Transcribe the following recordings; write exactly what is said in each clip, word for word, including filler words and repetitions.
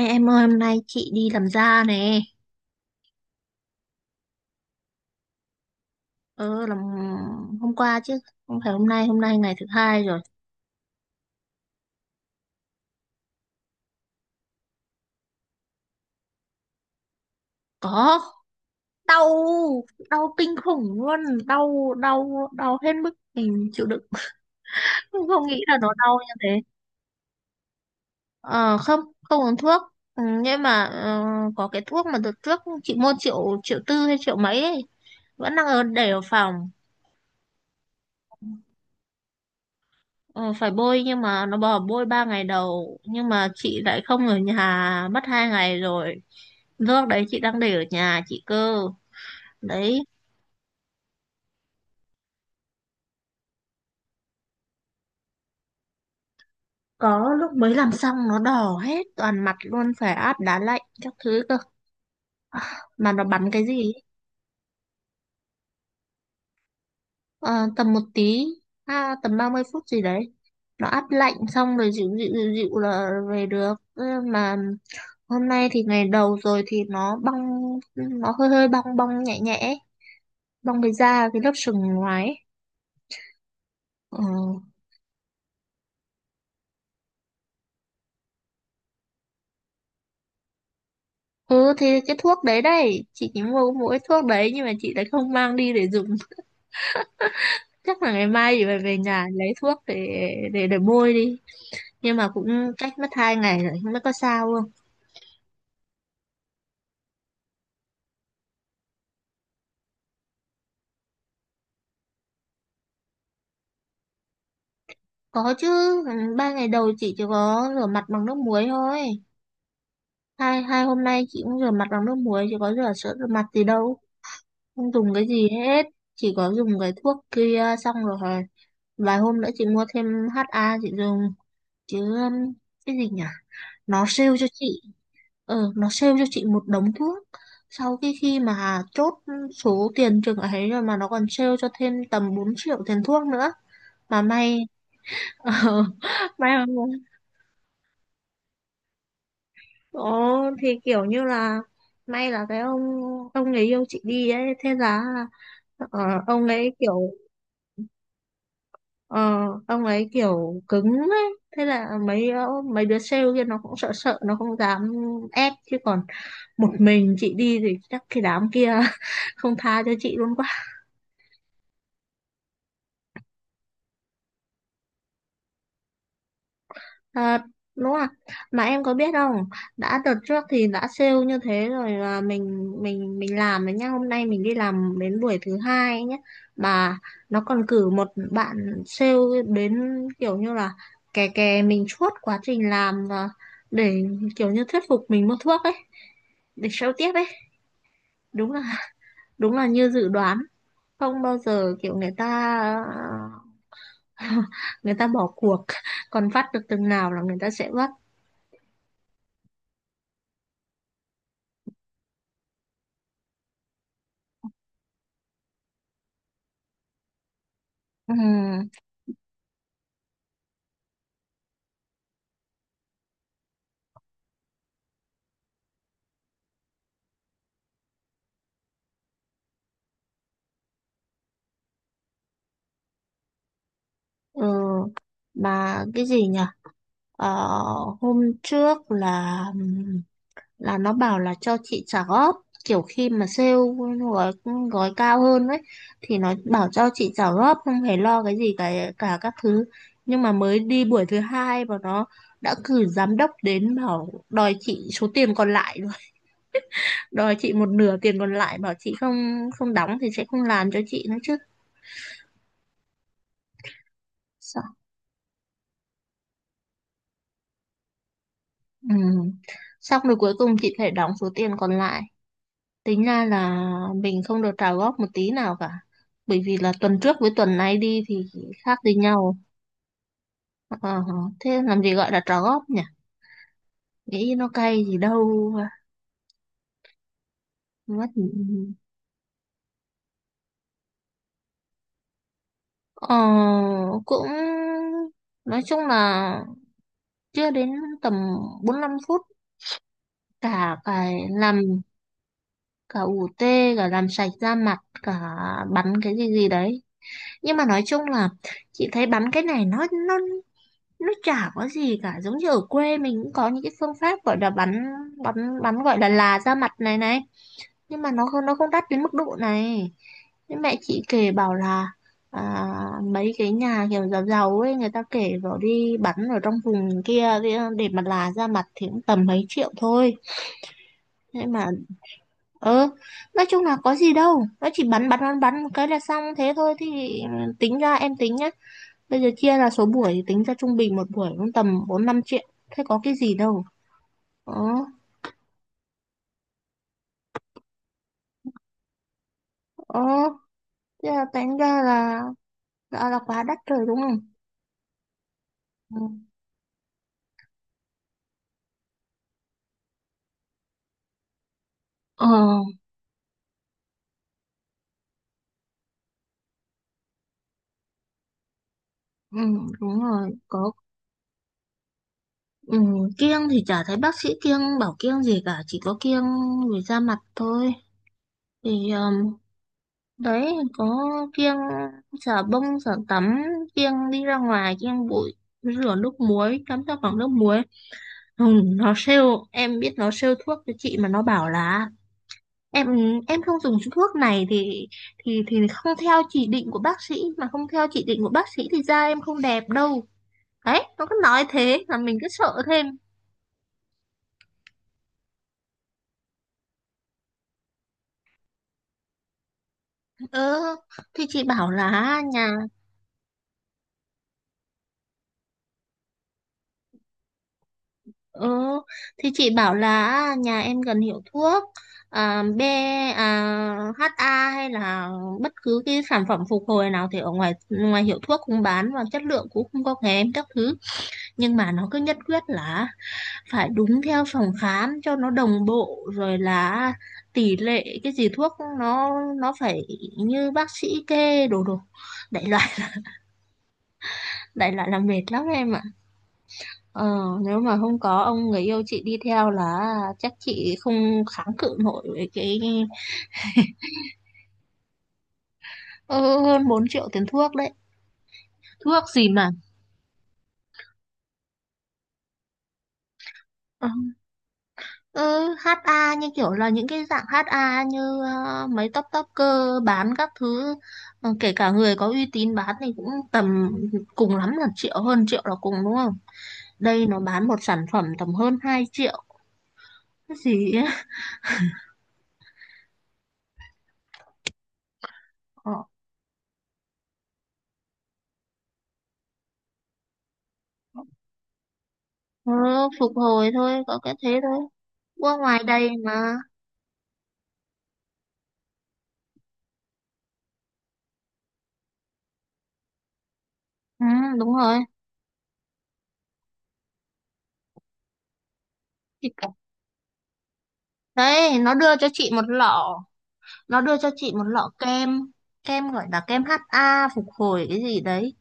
Ê, em ơi hôm nay chị đi làm da nè. Ờ, làm hôm qua chứ, không phải hôm nay. Hôm nay ngày thứ hai rồi. Có. Đau. Đau kinh khủng luôn. Đau đau đau hết mức mình chịu đựng. Không, không nghĩ là nó đau như thế. Ờ, không, không uống thuốc. Ừ, nhưng mà ờ, có cái thuốc mà đợt trước chị mua triệu triệu tư hay triệu mấy ấy, vẫn đang ở để ở phòng. Ờ, phải bôi nhưng mà nó bảo bôi ba ngày đầu, nhưng mà chị lại không ở nhà mất hai ngày rồi. Nước đấy chị đang để ở nhà chị cơ. Đấy. Có lúc mới làm xong nó đỏ hết toàn mặt luôn, phải áp đá lạnh các thứ cơ, mà nó bắn cái gì ấy. Ờ, tầm một tí. À, tầm ba mươi phút gì đấy. Nó áp lạnh xong rồi dịu dịu dịu dịu là về được. Ơ, mà hôm nay thì ngày đầu rồi thì nó bong, nó hơi hơi bong bong nhẹ nhẹ ấy. Bong cái da, cái lớp sừng ngoài ấy. Ừ. Ừ thì cái thuốc đấy đây, chị chỉ mua mỗi thuốc đấy nhưng mà chị lại không mang đi để dùng. Chắc là ngày mai chị phải về nhà lấy thuốc để để để bôi đi, nhưng mà cũng cách mất hai ngày rồi, không biết có sao không. Có chứ. Ừ, ba ngày đầu chị chỉ có rửa mặt bằng nước muối thôi. Hai hai hôm nay chị cũng rửa mặt bằng nước muối, chỉ có rửa sữa rửa mặt gì đâu. Không dùng cái gì hết. Chỉ có dùng cái thuốc kia, xong rồi vài hôm nữa chị mua thêm hát a chị dùng. Chứ um, cái gì nhỉ, nó sale cho chị ờ nó sale cho chị một đống thuốc. Sau cái khi mà chốt số tiền chừng ấy rồi mà nó còn sale cho thêm tầm bốn triệu tiền thuốc nữa, mà may. ờ, May mà, ồ thì kiểu như là may là cái ông ông người yêu chị đi ấy. Thế là ờ, ông ấy kiểu. Ờ, ông ấy kiểu cứng ấy. Thế là mấy ờ, mấy đứa sale kia nó cũng sợ sợ, nó không dám ép chứ còn một mình chị đi thì chắc cái đám kia không tha cho chị luôn. À, đúng rồi. Mà em có biết không, đã đợt trước thì đã sale như thế rồi là mình mình mình làm đấy nhá. Hôm nay mình đi làm đến buổi thứ hai ấy nhá. Mà nó còn cử một bạn sale đến, kiểu như là kè kè mình suốt quá trình làm và để kiểu như thuyết phục mình mua thuốc ấy, để sale tiếp ấy. Đúng là đúng là như dự đoán, không bao giờ kiểu người ta người ta bỏ cuộc, còn vắt được từng nào là người ta sẽ vắt. Ừ. Ừ, mà cái gì nhỉ? Ờ, hôm trước là là nó bảo là cho chị trả góp, kiểu khi mà sale gói gói cao hơn ấy thì nó bảo cho chị trả góp, không phải lo cái gì cả cả các thứ. Nhưng mà mới đi buổi thứ hai và nó đã cử giám đốc đến bảo đòi chị số tiền còn lại rồi. Đòi chị một nửa tiền còn lại, bảo chị không không đóng thì sẽ không làm cho chị nữa chứ. Sao? Ừ. Xong rồi cuối cùng chị phải đóng số tiền còn lại. Tính ra là mình không được trả góp một tí nào cả. Bởi vì là tuần trước với tuần này đi thì khác đi nhau. Ờ, thế làm gì gọi là trả góp nhỉ? Nghĩ nó cay gì đâu. Mất. Ờ, cũng nói chung là chưa đến tầm bốn mươi lăm phút cả cái làm, cả ủ tê, cả làm sạch da mặt, cả bắn cái gì gì đấy. Nhưng mà nói chung là chị thấy bắn cái này nó nó nó chả có gì cả, giống như ở quê mình cũng có những cái phương pháp gọi là bắn bắn bắn gọi là là ra mặt này này, nhưng mà nó không nó không đắt đến mức độ này. Thế mẹ chị kể bảo là, à, mấy cái nhà kiểu giàu giàu ấy người ta kể vào đi bắn ở trong vùng kia kia để mà là ra mặt thì cũng tầm mấy triệu thôi. Thế mà, ơ, nói chung là có gì đâu, nó chỉ bắn bắn bắn bắn một cái là xong thế thôi. Thì tính ra, em tính nhá, bây giờ chia là số buổi thì tính ra trung bình một buổi cũng tầm bốn năm triệu. Thế có cái gì đâu. Ờ, ờ, thế là tính ra là, là, là, quá đắt rồi đúng không? Ừ. Ờ, ừ, đúng rồi. Có, ừ, kiêng thì chả thấy bác sĩ kiêng bảo kiêng gì cả. Chỉ có kiêng về da mặt thôi. Thì ờm, đấy có kiêng xả bông, xả tắm, kiêng đi ra ngoài, kiêng bụi, rửa nước muối, tắm ra bằng nước muối. Ừ, nó sale, em biết nó sale thuốc cho chị mà nó bảo là em em không dùng thuốc này thì thì thì không theo chỉ định của bác sĩ, mà không theo chỉ định của bác sĩ thì da em không đẹp đâu. Đấy nó cứ nói thế là mình cứ sợ thêm. Ờ thì chị bảo là nhà ờ thì chị bảo là nhà em cần hiệu thuốc, à, B, à, hát a hay là bất cứ cái sản phẩm phục hồi nào thì ở ngoài, ngoài hiệu thuốc cũng bán và chất lượng cũng không có kém các thứ. Nhưng mà nó cứ nhất quyết là phải đúng theo phòng khám cho nó đồng bộ, rồi là tỷ lệ cái gì thuốc nó nó phải như bác sĩ kê đồ đồ đại loại. Đại loại là mệt lắm em ạ. ờ, Nếu mà không có ông người yêu chị đi theo là chắc chị không kháng cự nổi với cái, ừ, hơn bốn triệu tiền thuốc đấy. Thuốc gì mà. Ờ. Ừ, hát a như kiểu là những cái dạng hát a như ờ, mấy top topper bán các thứ. Ờ, kể cả người có uy tín bán thì cũng tầm cùng lắm là triệu hơn triệu là cùng đúng không? Đây nó bán một sản phẩm tầm hơn hai triệu cái gì ấy. Ờ, ừ, phục hồi thôi có cái thế thôi qua ngoài đây mà. Ừ, đúng rồi. Thì- Đấy nó đưa cho chị một lọ nó đưa cho chị một lọ kem kem gọi là kem hát a phục hồi cái gì đấy,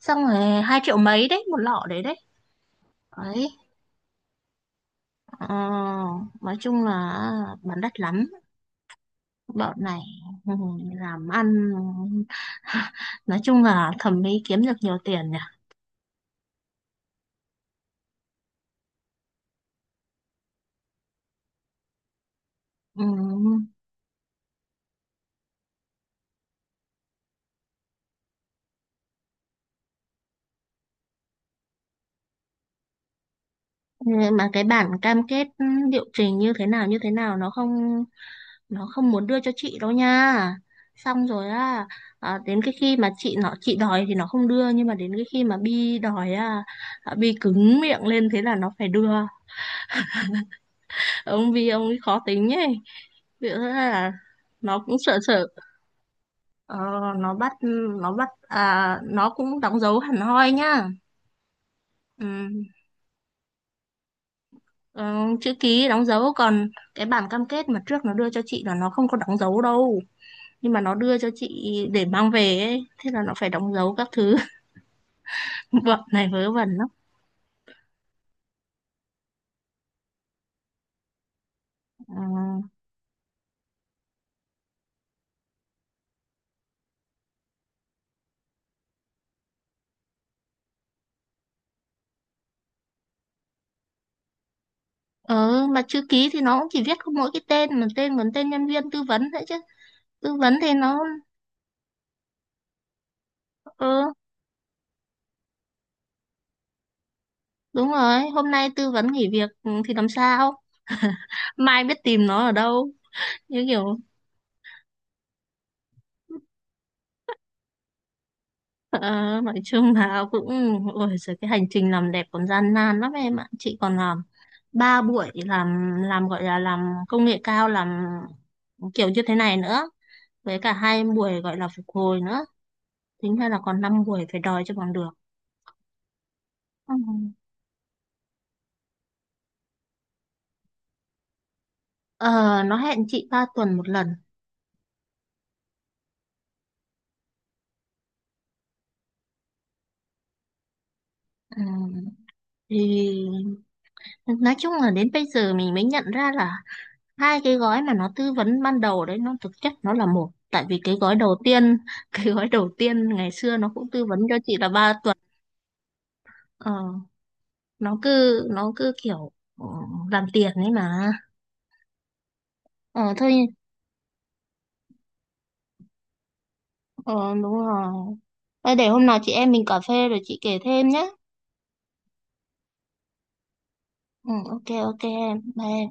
xong rồi hai triệu mấy đấy một lọ đấy đấy đấy. Ờ, nói chung là bán đắt lắm bọn này. Ừ, làm ăn. Nói chung là thẩm mỹ kiếm được nhiều tiền nhỉ. Ừ. Mà cái bản cam kết, ừ, liệu trình như thế nào như thế nào nó không nó không muốn đưa cho chị đâu nha. Xong rồi á, à, đến cái khi mà chị nó chị đòi thì nó không đưa, nhưng mà đến cái khi mà Bi đòi á, à, Bi cứng miệng lên thế là nó phải đưa. Ông Bi ông ấy khó tính ấy. Vì thế là nó cũng sợ sợ. Ờ, nó bắt nó bắt à, nó cũng đóng dấu hẳn hoi nhá. Ừ. Ờ, chữ ký đóng dấu còn cái bản cam kết mà trước nó đưa cho chị là nó không có đóng dấu đâu, nhưng mà nó đưa cho chị để mang về ấy thế là nó phải đóng dấu các thứ. Bọn này vớ vẩn lắm. Ờ. Ờ, mà chữ ký thì nó cũng chỉ viết có mỗi cái tên, mà tên còn tên nhân viên tư vấn đấy chứ. Tư vấn thì nó, ừ đúng rồi. Hôm nay tư vấn nghỉ việc, ừ, thì làm sao mai biết tìm nó ở đâu. Như kiểu, ờ, nói chung là cũng, ôi giời, cái hành trình làm đẹp còn gian nan lắm em ạ. Chị còn làm ba buổi làm làm gọi là làm công nghệ cao làm kiểu như thế này nữa với cả hai buổi gọi là phục hồi nữa. Tính ra là còn năm buổi phải đòi cho bằng được. Ừ. Ờ, nó hẹn chị ba tuần một lần. Ừ. Thì nói chung là đến bây giờ mình mới nhận ra là hai cái gói mà nó tư vấn ban đầu đấy nó thực chất nó là một, tại vì cái gói đầu tiên cái gói đầu tiên ngày xưa nó cũng tư vấn cho chị là ba tuần. Ờ, nó cứ nó cứ kiểu, ừ, làm tiền ấy mà. Ờ thôi. Ờ, đúng rồi. Thôi để hôm nào chị em mình cà phê rồi chị kể thêm nhé. Ừ, ok ok em bye.